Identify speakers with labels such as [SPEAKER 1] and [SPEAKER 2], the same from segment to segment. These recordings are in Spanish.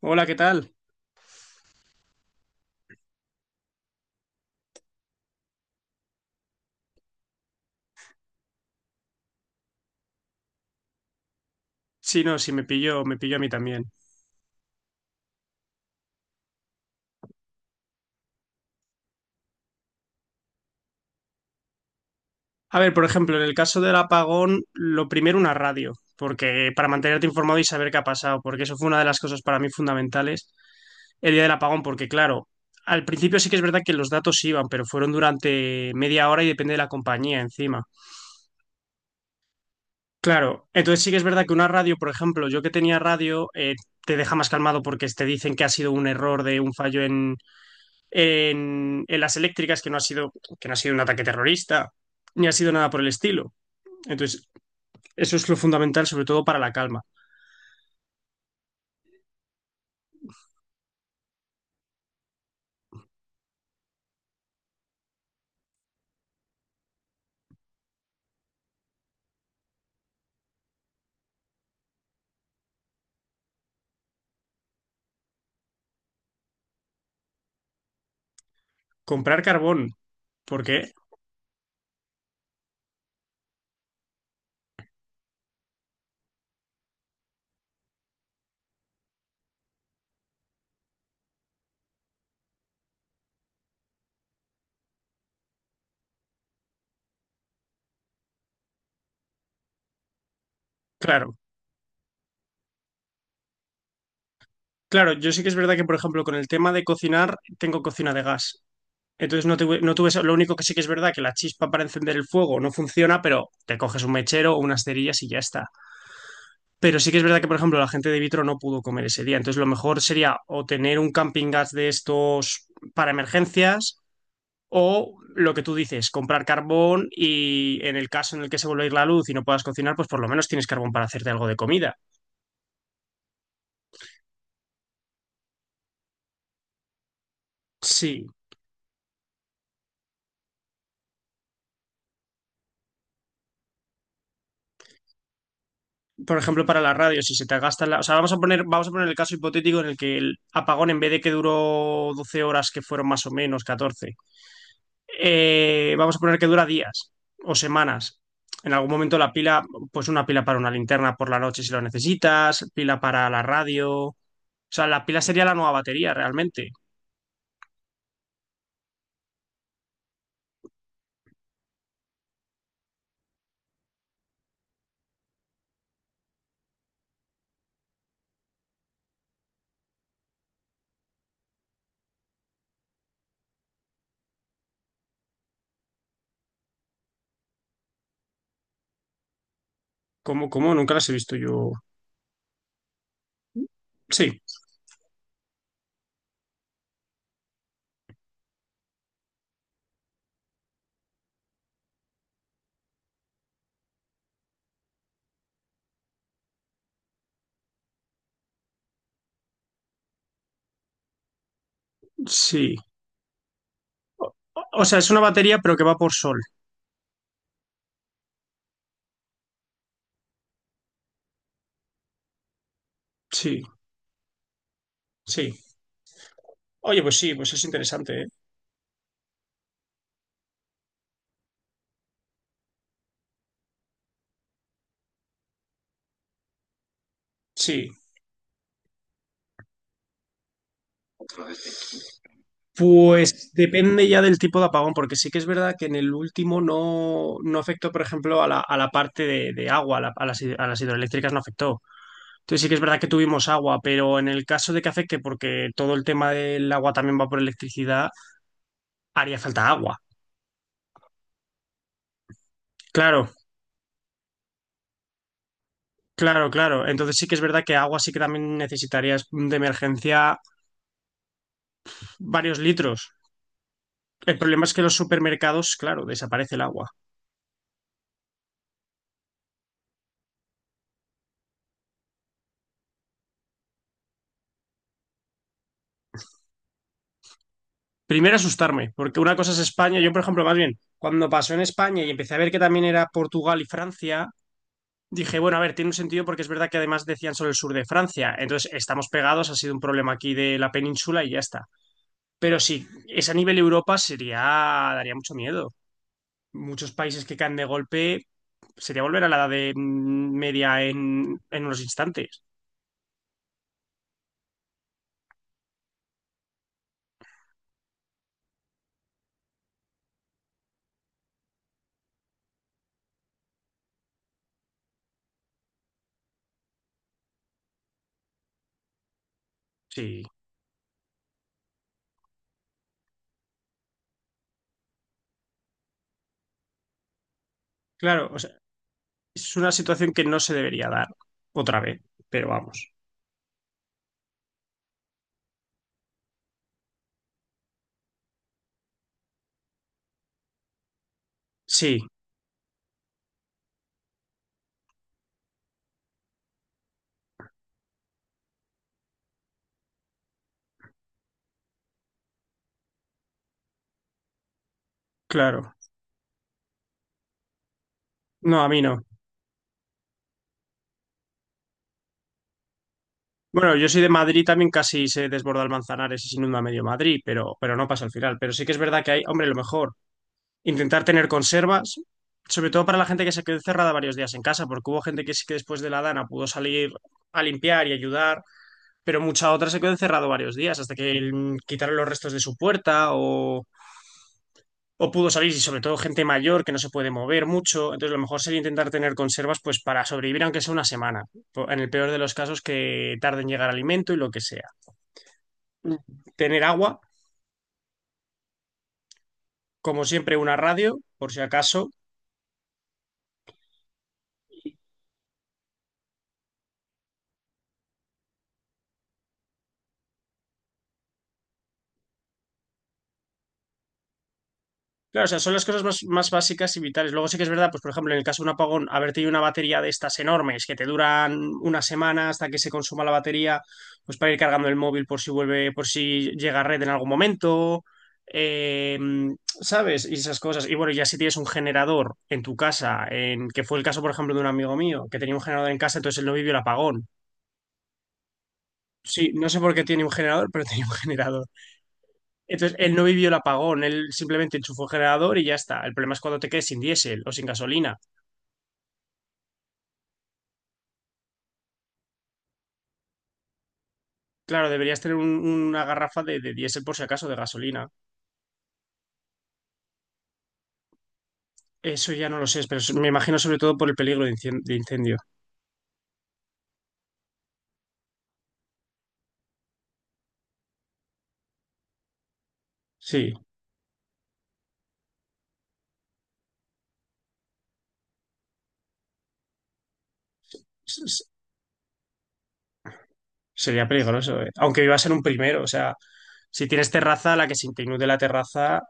[SPEAKER 1] Hola, ¿qué tal? Sí, no, sí, me pilló a mí también. A ver, por ejemplo, en el caso del apagón, lo primero una radio, porque para mantenerte informado y saber qué ha pasado, porque eso fue una de las cosas para mí fundamentales el día del apagón, porque claro, al principio sí que es verdad que los datos iban, pero fueron durante media hora y depende de la compañía encima. Claro, entonces sí que es verdad que una radio, por ejemplo, yo que tenía radio, te deja más calmado porque te dicen que ha sido un error de un fallo en las eléctricas que no ha sido, que no ha sido un ataque terrorista, ni ha sido nada por el estilo. Entonces, eso es lo fundamental, sobre todo para la calma. Comprar carbón, porque, claro, claro, yo sí que es verdad que, por ejemplo, con el tema de cocinar, tengo cocina de gas. Entonces no tuve eso. Lo único que sí que es verdad que la chispa para encender el fuego no funciona, pero te coges un mechero o unas cerillas y ya está. Pero sí que es verdad que, por ejemplo, la gente de Vitro no pudo comer ese día. Entonces, lo mejor sería o tener un camping gas de estos para emergencias o lo que tú dices, comprar carbón y en el caso en el que se vuelva a ir la luz y no puedas cocinar, pues por lo menos tienes carbón para hacerte algo de comida. Sí, por ejemplo, para la radio, si se te gasta la… O sea, vamos a poner el caso hipotético en el que el apagón, en vez de que duró 12 horas, que fueron más o menos catorce, vamos a poner que dura días o semanas. En algún momento la pila, pues una pila para una linterna por la noche si lo necesitas, pila para la radio. O sea, la pila sería la nueva batería realmente. ¿Cómo, cómo? Nunca las he visto yo. Sí, sí. O, o sea, es una batería pero que va por sol. Sí, sí. Oye, pues sí, pues es interesante, ¿eh? Sí. Pues depende ya del tipo de apagón, porque sí que es verdad que en el último no, no afectó, por ejemplo, a la parte de agua, a las, a las hidroeléctricas no afectó. Entonces sí que es verdad que tuvimos agua, pero en el caso de que afecte, porque todo el tema del agua también va por electricidad, haría falta agua. Claro, claro, claro. Entonces sí que es verdad que agua sí que también necesitarías de emergencia varios litros. El problema es que los supermercados, claro, desaparece el agua. Primero asustarme, porque una cosa es España. Yo, por ejemplo, más bien, cuando pasó en España y empecé a ver que también era Portugal y Francia, dije, bueno, a ver, tiene un sentido porque es verdad que además decían solo el sur de Francia. Entonces, estamos pegados, ha sido un problema aquí de la península y ya está. Pero sí, es a nivel Europa sería, daría mucho miedo. Muchos países que caen de golpe, sería volver a la edad media en unos instantes. Sí, claro, o sea, es una situación que no se debería dar otra vez, pero vamos. Sí, claro. No, a mí no. Bueno, yo soy de Madrid, también casi se desborda el Manzanares y se inunda medio Madrid, pero no pasa al final. Pero sí que es verdad que hay, hombre, lo mejor, intentar tener conservas, sobre todo para la gente que se quedó encerrada varios días en casa, porque hubo gente que sí que después de la dana pudo salir a limpiar y ayudar, pero mucha otra se quedó encerrada varios días hasta que quitaron los restos de su puerta o… O pudo salir, y sobre todo gente mayor que no se puede mover mucho. Entonces, lo mejor sería intentar tener conservas pues para sobrevivir, aunque sea una semana. En el peor de los casos, que tarde en llegar alimento y lo que sea. Mm. Tener agua, como siempre, una radio, por si acaso. Claro, o sea, son las cosas más, más básicas y vitales. Luego sí que es verdad, pues por ejemplo, en el caso de un apagón, haber tenido una batería de estas enormes que te duran una semana hasta que se consuma la batería, pues para ir cargando el móvil por si vuelve, por si llega a red en algún momento, eh, ¿sabes? Y esas cosas. Y bueno, ya si tienes un generador en tu casa, que fue el caso, por ejemplo, de un amigo mío, que tenía un generador en casa, entonces él no vivió el apagón. Sí, no sé por qué tiene un generador, pero tenía un generador. Entonces, él no vivió el apagón, él simplemente enchufó el generador y ya está. El problema es cuando te quedes sin diésel o sin gasolina. Claro, deberías tener una garrafa de diésel por si acaso, de gasolina. Eso ya no lo sé, pero me imagino sobre todo por el peligro de incendio. Sí, s- s- sería peligroso, eh. Aunque vivas en un primero, o sea, si tienes terraza, a la que se te inunde la terraza,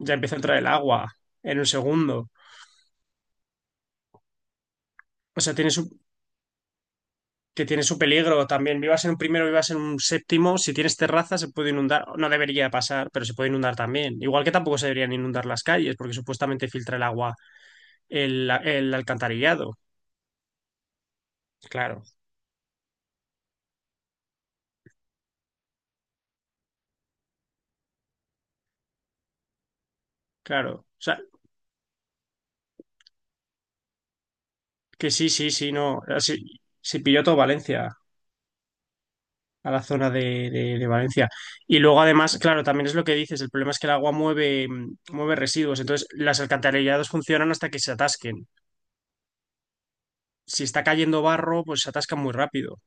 [SPEAKER 1] ya empieza a entrar el agua en un segundo. O sea, tienes que tiene su peligro también. Vivas en un primero, vivas en un séptimo, si tienes terraza se puede inundar, no debería pasar, pero se puede inundar también. Igual que tampoco se deberían inundar las calles, porque supuestamente filtra el agua el alcantarillado. Claro, claro. O sea, que sí, sí, sí, no. Ah, sí, sí pilló todo Valencia, a la zona de Valencia. Y luego, además, claro, también es lo que dices, el problema es que el agua mueve residuos, entonces las alcantarillados funcionan hasta que se atasquen. Si está cayendo barro, pues se atascan muy rápido.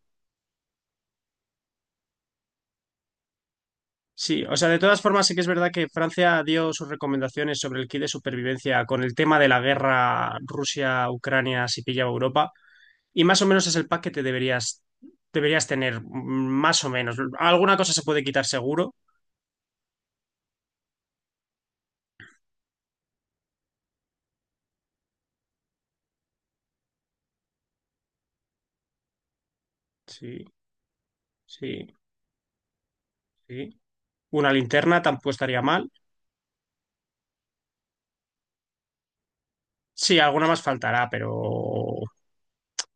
[SPEAKER 1] Sí, o sea, de todas formas sí que es verdad que Francia dio sus recomendaciones sobre el kit de supervivencia con el tema de la guerra Rusia-Ucrania si pillaba Europa y más o menos es el pack que te deberías tener, más o menos. Alguna cosa se puede quitar seguro. Sí, sí, sí. Una linterna tampoco estaría mal. Sí, alguna más faltará, pero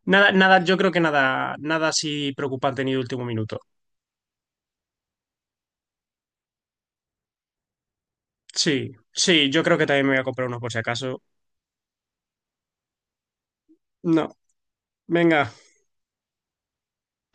[SPEAKER 1] nada, nada, yo creo que nada, nada así preocupante ni de último minuto. Sí, sí, yo creo que también me voy a comprar uno por si acaso. No, venga.